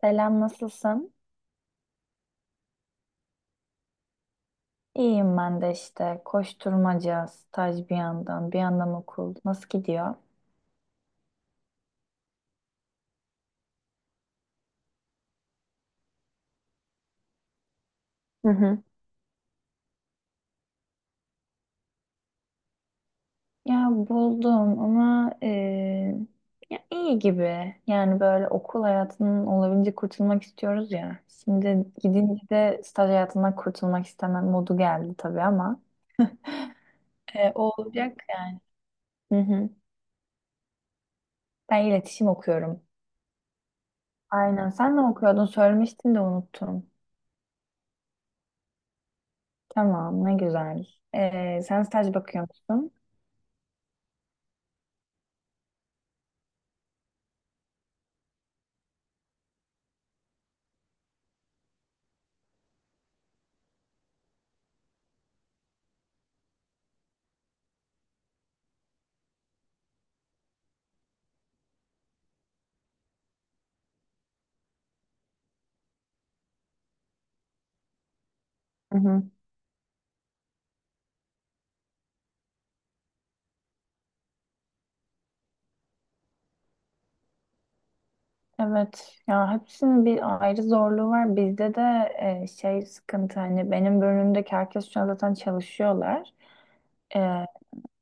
Selam, nasılsın? İyiyim ben de işte. Koşturmaca, staj bir yandan, bir yandan okul. Nasıl gidiyor? Hı hı. Ya buldum ama ya iyi gibi. Yani böyle okul hayatının olabildiğince kurtulmak istiyoruz ya. Şimdi gidince de staj hayatından kurtulmak istemem modu geldi tabii ama o olacak yani. Hı hı. Ben iletişim okuyorum. Aynen. Sen ne okuyordun? Söylemiştin de unuttum. Tamam, ne güzel. Sen staj bakıyor musun? Hı hı. Evet ya hepsinin bir ayrı zorluğu var. Bizde de şey sıkıntı hani benim bölümümdeki herkes şu an zaten çalışıyorlar. E,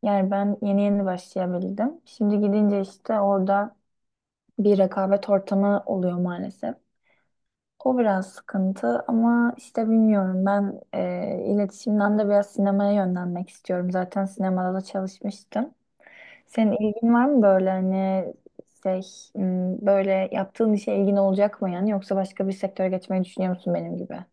Yani ben yeni yeni başlayabildim. Şimdi gidince işte orada bir rekabet ortamı oluyor maalesef. O biraz sıkıntı ama işte bilmiyorum ben iletişimden de biraz sinemaya yönlenmek istiyorum. Zaten sinemada da çalışmıştım. Senin ilgin var mı böyle hani şey böyle yaptığın işe ilgin olacak mı yani yoksa başka bir sektöre geçmeyi düşünüyor musun benim gibi?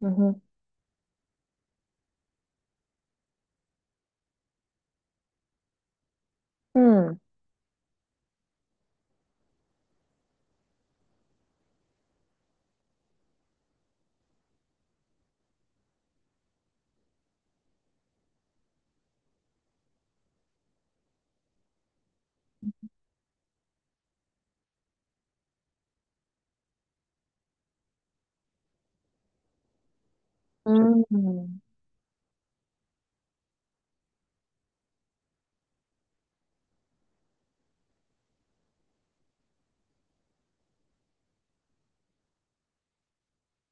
Hı hı. Hmm. Hmm.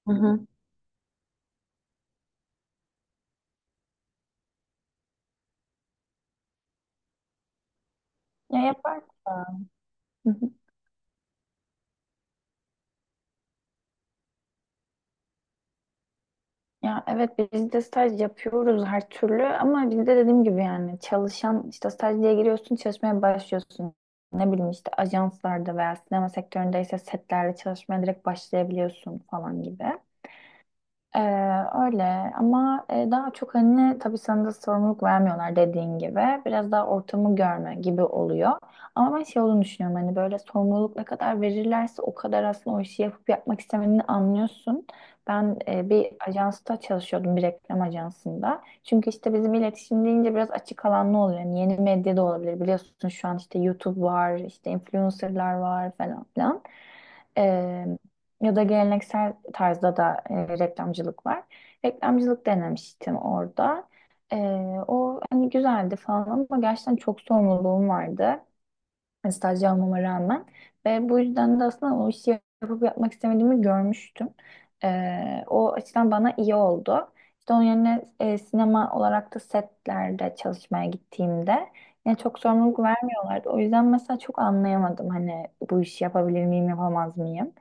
Hı hı. Ya yapar. Ya evet biz de staj yapıyoruz her türlü ama biz de dediğim gibi yani çalışan işte staj diye giriyorsun çalışmaya başlıyorsun. Ne bileyim işte ajanslarda veya sinema sektöründeyse setlerde çalışmaya direkt başlayabiliyorsun falan gibi. Ee, Öyle ama daha çok hani tabii sana da sorumluluk vermiyorlar dediğin gibi. Biraz daha ortamı görme gibi oluyor. Ama ben şey olduğunu düşünüyorum hani böyle sorumluluk ne kadar verirlerse o kadar aslında o işi yapıp yapmak istemediğini anlıyorsun. Ben bir ajansta çalışıyordum bir reklam ajansında. Çünkü işte bizim iletişim deyince biraz açık alanlı oluyor. Yani yeni medya da olabilir biliyorsun şu an işte YouTube var işte influencerlar var falan filan. Ya da geleneksel tarzda da reklamcılık var. Reklamcılık denemiştim orada. E, O hani güzeldi falan ama gerçekten çok sorumluluğum vardı stajyer olmama rağmen. Ve bu yüzden de aslında o işi yapıp yapmak istemediğimi görmüştüm. O açıdan bana iyi oldu. İşte onun yerine sinema olarak da setlerde çalışmaya gittiğimde yine çok sorumluluk vermiyorlardı. O yüzden mesela çok anlayamadım hani bu işi yapabilir miyim, yapamaz mıyım?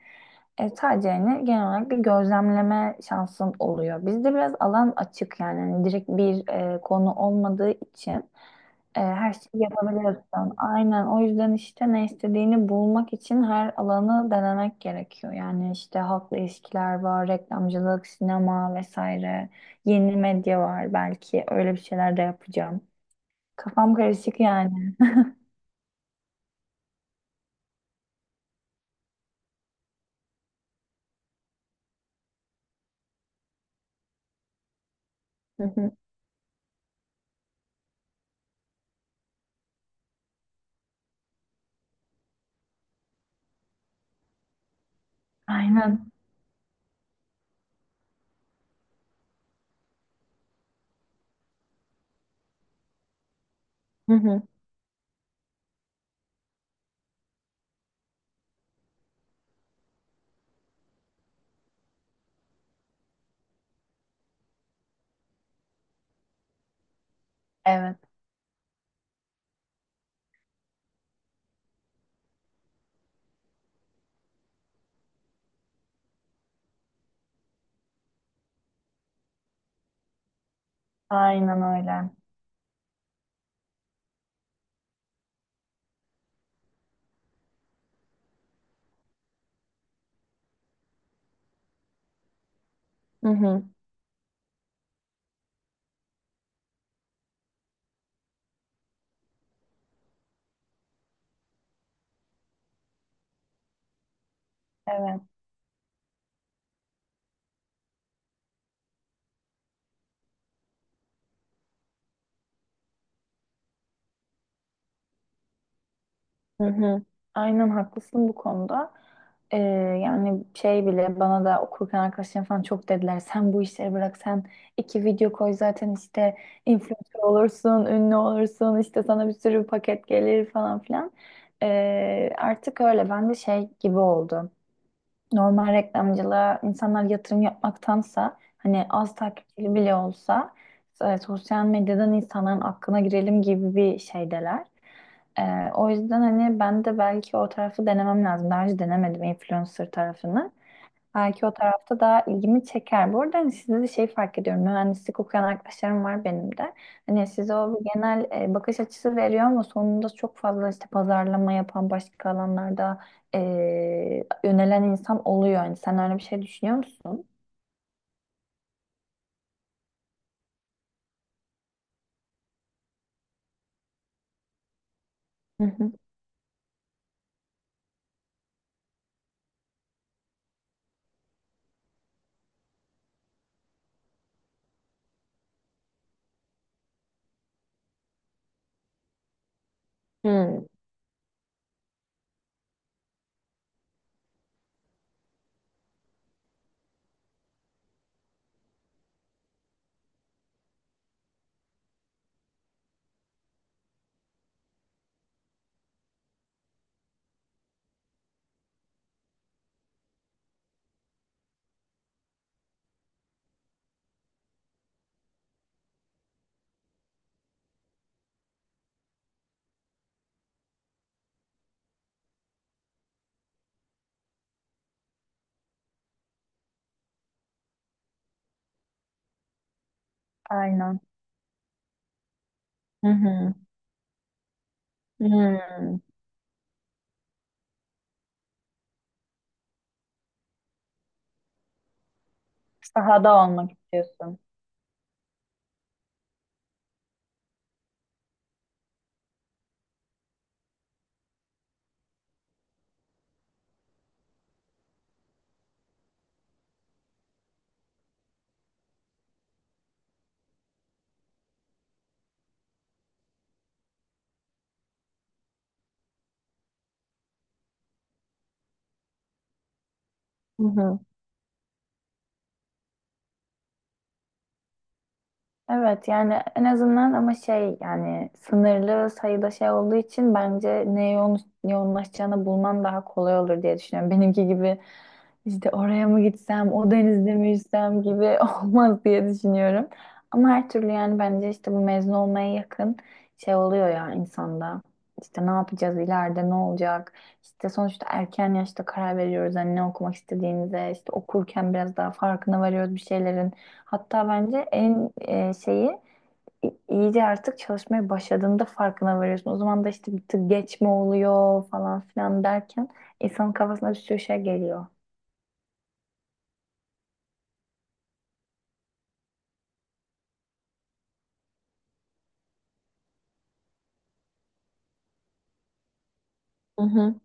Sadece yani genel olarak bir gözlemleme şansın oluyor. Bizde biraz alan açık yani hani direkt bir konu olmadığı için. Her şeyi yapabiliyorsun. Aynen. O yüzden işte ne istediğini bulmak için her alanı denemek gerekiyor. Yani işte halkla ilişkiler var, reklamcılık, sinema vesaire. Yeni medya var belki. Öyle bir şeyler de yapacağım. Kafam karışık yani. Hı hı. Aynen. Hı hı. Evet. Aynen öyle. Hı hı. Evet. Hı hı. Aynen haklısın bu konuda. Ee, Yani şey bile bana da okurken arkadaşlarım falan çok dediler. Sen bu işleri bırak, sen iki video koy zaten işte influencer olursun, ünlü olursun işte sana bir sürü paket gelir falan filan. Artık öyle ben de şey gibi oldu, normal reklamcılığa insanlar yatırım yapmaktansa hani az takipçili bile olsa sosyal medyadan insanların aklına girelim gibi bir şeydeler. E, O yüzden hani ben de belki o tarafı denemem lazım. Daha önce denemedim influencer tarafını. Belki o tarafta daha ilgimi çeker. Bu arada hani sizde de şey fark ediyorum. Mühendislik okuyan arkadaşlarım var benim de. Hani size o bir genel bakış açısı veriyor ama sonunda çok fazla işte pazarlama yapan başka alanlarda e, yönelen insan oluyor. Yani sen öyle bir şey düşünüyor musun? Hı hı. Hı. Aynen. Hı hı. Hı. Sahada olmak istiyorsun. Hı hı. Evet yani en azından ama şey yani sınırlı sayıda şey olduğu için bence neye yoğunlaşacağını bulman daha kolay olur diye düşünüyorum. Benimki gibi işte oraya mı gitsem, o denizde mi yüzsem gibi olmaz diye düşünüyorum. Ama her türlü yani bence işte bu mezun olmaya yakın şey oluyor ya insanda. İşte ne yapacağız ileride ne olacak? İşte sonuçta erken yaşta karar veriyoruz hani ne okumak istediğimize, işte okurken biraz daha farkına varıyoruz bir şeylerin. Hatta bence en şeyi iyice artık çalışmaya başladığında farkına varıyorsun. O zaman da işte bir tık geç mi oluyor falan filan derken insanın kafasına bir sürü şey geliyor. Hı hı.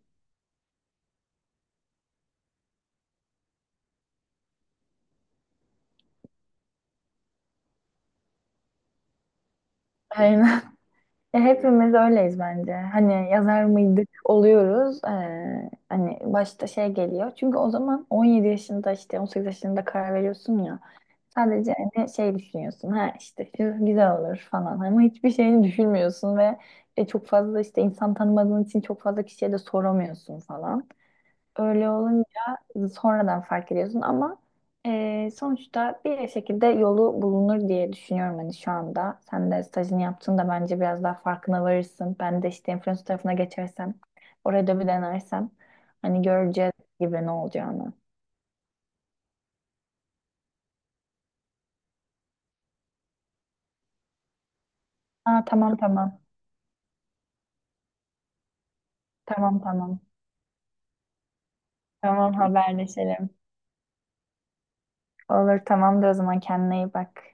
Aynen. Hepimiz öyleyiz bence. Hani yazar mıydık oluyoruz. Hani başta şey geliyor. Çünkü o zaman 17 yaşında işte 18 yaşında karar veriyorsun ya. Sadece hani şey düşünüyorsun ha işte şu güzel olur falan ama hiçbir şeyini düşünmüyorsun ve çok fazla işte insan tanımadığın için çok fazla kişiye de soramıyorsun falan. Öyle olunca sonradan fark ediyorsun ama sonuçta bir şekilde yolu bulunur diye düşünüyorum hani şu anda. Sen de stajını yaptığında bence biraz daha farkına varırsın. Ben de işte influencer tarafına geçersem oraya da bir denersem hani göreceğiz gibi ne olacağını. Aa, tamam, tamam, tamam, tamam. Tamam, haberleşelim. Olur, tamamdır. O zaman kendine iyi bak.